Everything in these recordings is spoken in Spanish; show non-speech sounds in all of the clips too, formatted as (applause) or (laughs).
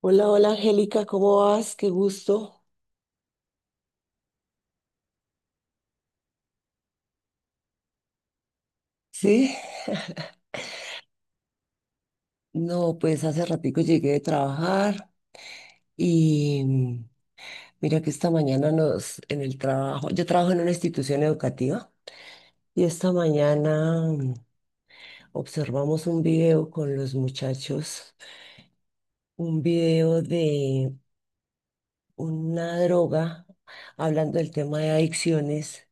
Hola, hola Angélica, ¿cómo vas? Qué gusto. Sí, (laughs) no, pues hace ratico llegué de trabajar y mira que esta mañana en el trabajo, yo trabajo en una institución educativa y esta mañana observamos un video con los muchachos, un video de una droga, hablando del tema de adicciones,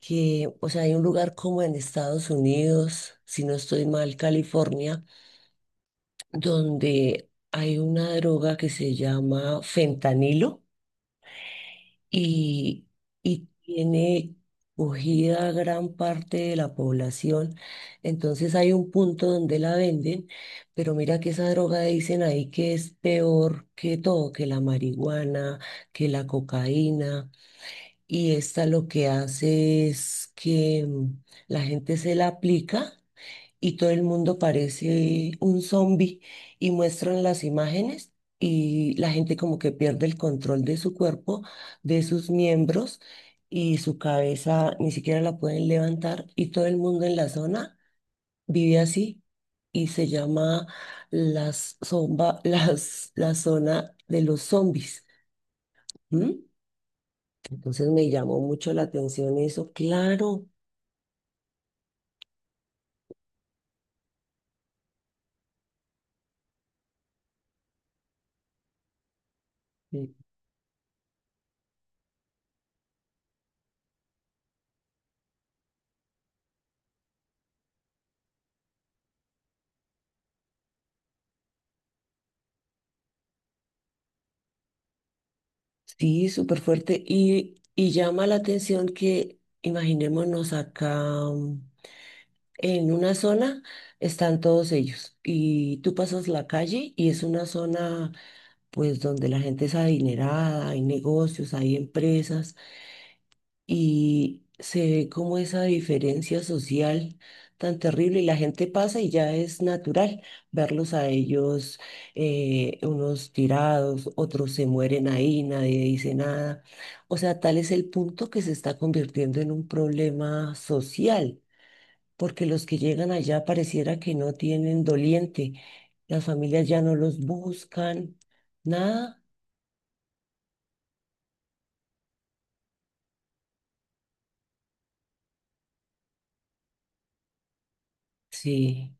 que, o sea, hay un lugar como en Estados Unidos, si no estoy mal, California, donde hay una droga que se llama fentanilo y, y tiene cogida a gran parte de la población. Entonces hay un punto donde la venden, pero mira que esa droga dicen ahí que es peor que todo, que la marihuana, que la cocaína. Y esta lo que hace es que la gente se la aplica y todo el mundo parece un zombie y muestran las imágenes y la gente como que pierde el control de su cuerpo, de sus miembros, y su cabeza ni siquiera la pueden levantar y todo el mundo en la zona vive así y se llama (laughs) la zona de los zombies. ¿M? Entonces me llamó mucho la atención eso, claro. Sí, súper fuerte. Y llama la atención que, imaginémonos acá mm, en una zona, están todos ellos. Y tú pasas la calle y es una zona, pues, donde la gente es adinerada, hay negocios, hay empresas y se ve como esa diferencia social tan terrible, y la gente pasa y ya es natural verlos a ellos, unos tirados, otros se mueren ahí, nadie dice nada. O sea, tal es el punto que se está convirtiendo en un problema social, porque los que llegan allá pareciera que no tienen doliente, las familias ya no los buscan, nada. Sí.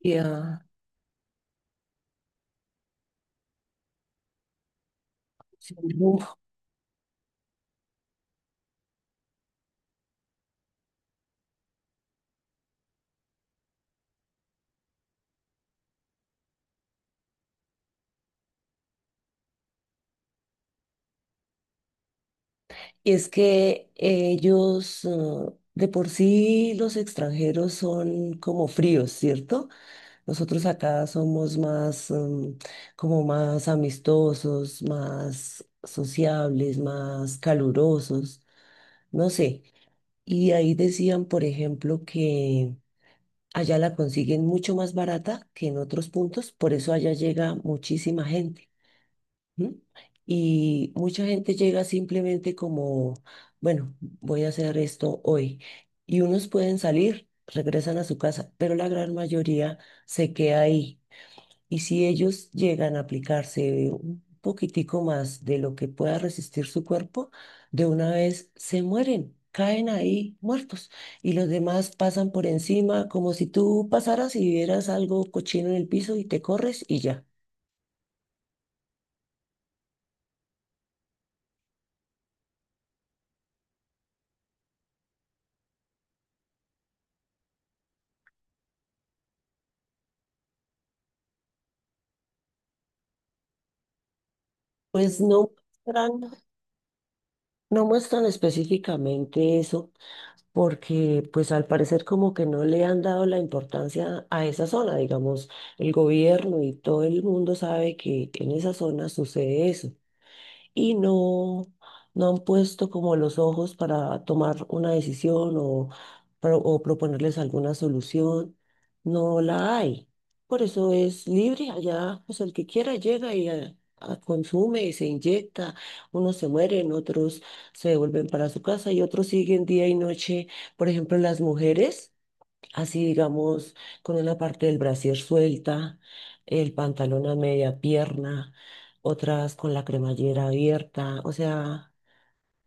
Ya, sí. Y es que ellos, de por sí, los extranjeros son como fríos, ¿cierto? Nosotros acá somos más, como más amistosos, más sociables, más calurosos, no sé. Y ahí decían, por ejemplo, que allá la consiguen mucho más barata que en otros puntos, por eso allá llega muchísima gente. ¿Mm? Y mucha gente llega simplemente como, bueno, voy a hacer esto hoy. Y unos pueden salir, regresan a su casa, pero la gran mayoría se queda ahí. Y si ellos llegan a aplicarse un poquitico más de lo que pueda resistir su cuerpo, de una vez se mueren. Caen ahí muertos y los demás pasan por encima como si tú pasaras y vieras algo cochino en el piso y te corres y ya. Pues muestran No muestran específicamente eso, porque pues al parecer como que no le han dado la importancia a esa zona, digamos, el gobierno y todo el mundo sabe que en esa zona sucede eso y no, no han puesto como los ojos para tomar una decisión o, o proponerles alguna solución. No la hay. Por eso es libre allá, pues el que quiera llega y consume y se inyecta. Unos se mueren, otros se vuelven para su casa y otros siguen día y noche. Por ejemplo, las mujeres así digamos, con una parte del brasier suelta, el pantalón a media pierna, otras con la cremallera abierta, o sea,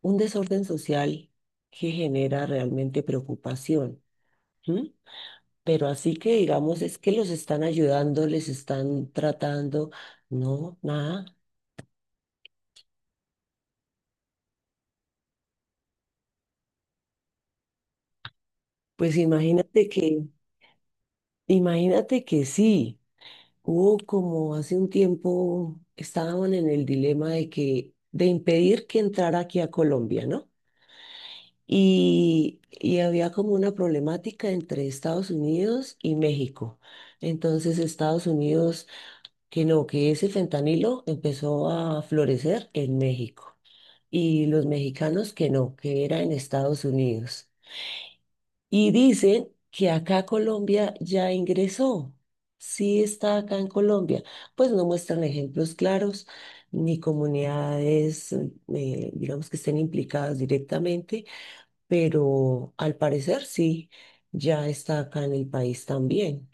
un desorden social que genera realmente preocupación. ¿M? Pero así que digamos, es que los están ayudando, les están tratando, no, nada. Pues imagínate que sí. Hubo como hace un tiempo estaban en el dilema de que de impedir que entrara aquí a Colombia, ¿no? Y había como una problemática entre Estados Unidos y México. Entonces Estados Unidos, que no, que ese fentanilo empezó a florecer en México. Y los mexicanos que no, que era en Estados Unidos. Y dicen que acá Colombia ya ingresó, sí está acá en Colombia. Pues no muestran ejemplos claros ni comunidades, digamos, que estén implicadas directamente, pero al parecer sí, ya está acá en el país también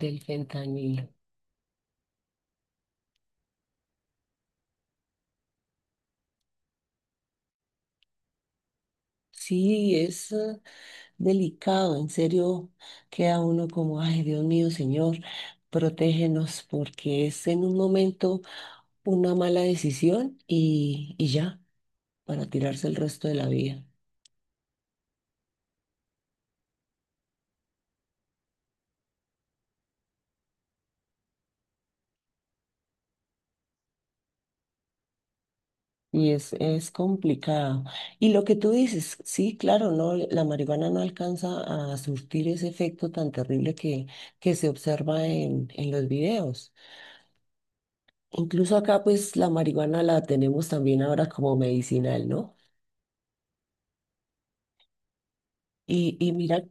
del fentanilo. Sí, es delicado, en serio, queda uno como, ay, Dios mío, Señor, protégenos, porque es en un momento una mala decisión y ya, para tirarse el resto de la vida. Y es complicado. Y lo que tú dices, sí, claro, no, la marihuana no alcanza a surtir ese efecto tan terrible que se observa en los videos. Incluso acá, pues, la marihuana la tenemos también ahora como medicinal, ¿no? Y mira,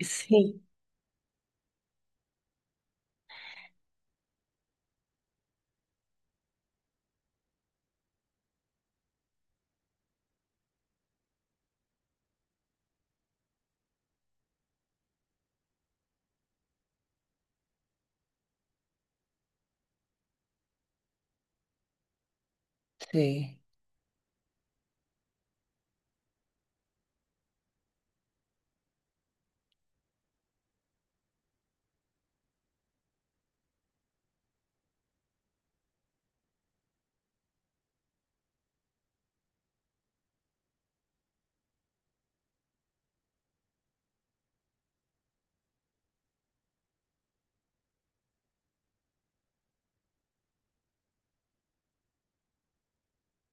sí, sí,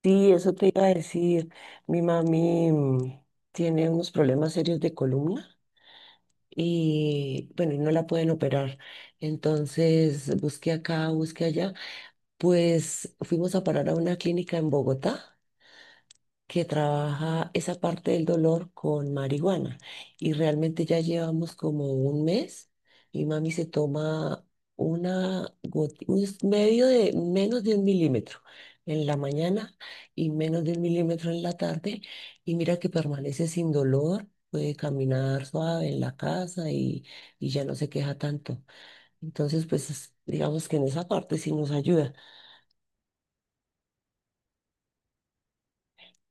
sí, eso te iba a decir. Mi mami tiene unos problemas serios de columna. Y bueno, y no la pueden operar. Entonces busqué acá, busqué allá. Pues fuimos a parar a una clínica en Bogotá que trabaja esa parte del dolor con marihuana. Y realmente ya llevamos como un mes y mami se toma una goti- un s- medio de menos de un milímetro en la mañana y menos de un milímetro en la tarde. Y mira que permanece sin dolor, puede caminar suave en la casa y ya no se queja tanto. Entonces, pues digamos que en esa parte sí nos ayuda.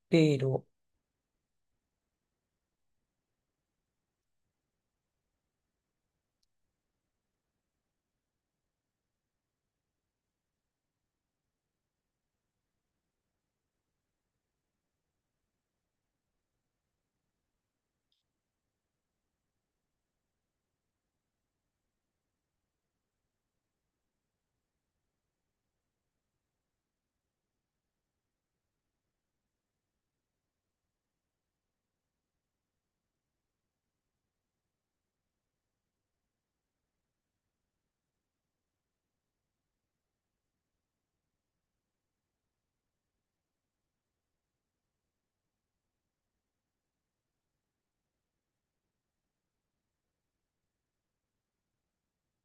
Pero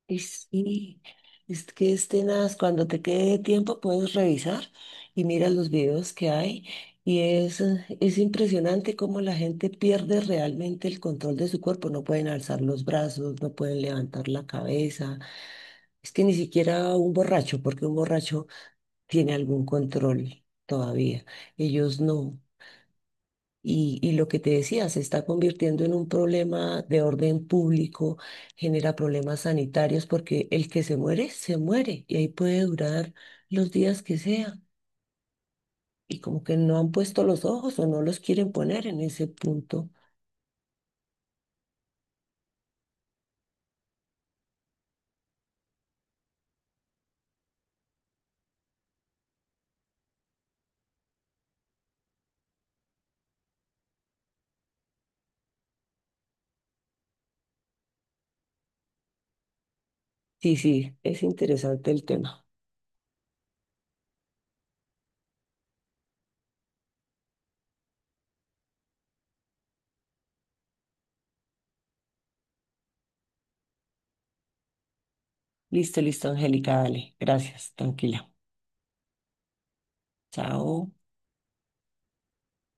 Y sí, es que es tenaz. Cuando te quede tiempo puedes revisar y mira los videos que hay. Y es impresionante cómo la gente pierde realmente el control de su cuerpo. No pueden alzar los brazos, no pueden levantar la cabeza. Es que ni siquiera un borracho, porque un borracho tiene algún control todavía. Ellos no. Y lo que te decía, se está convirtiendo en un problema de orden público, genera problemas sanitarios, porque el que se muere, y ahí puede durar los días que sea. Y como que no han puesto los ojos o no los quieren poner en ese punto. Sí, sí, es interesante el tema. Listo, listo, Angélica, dale. Gracias, tranquila. Chao.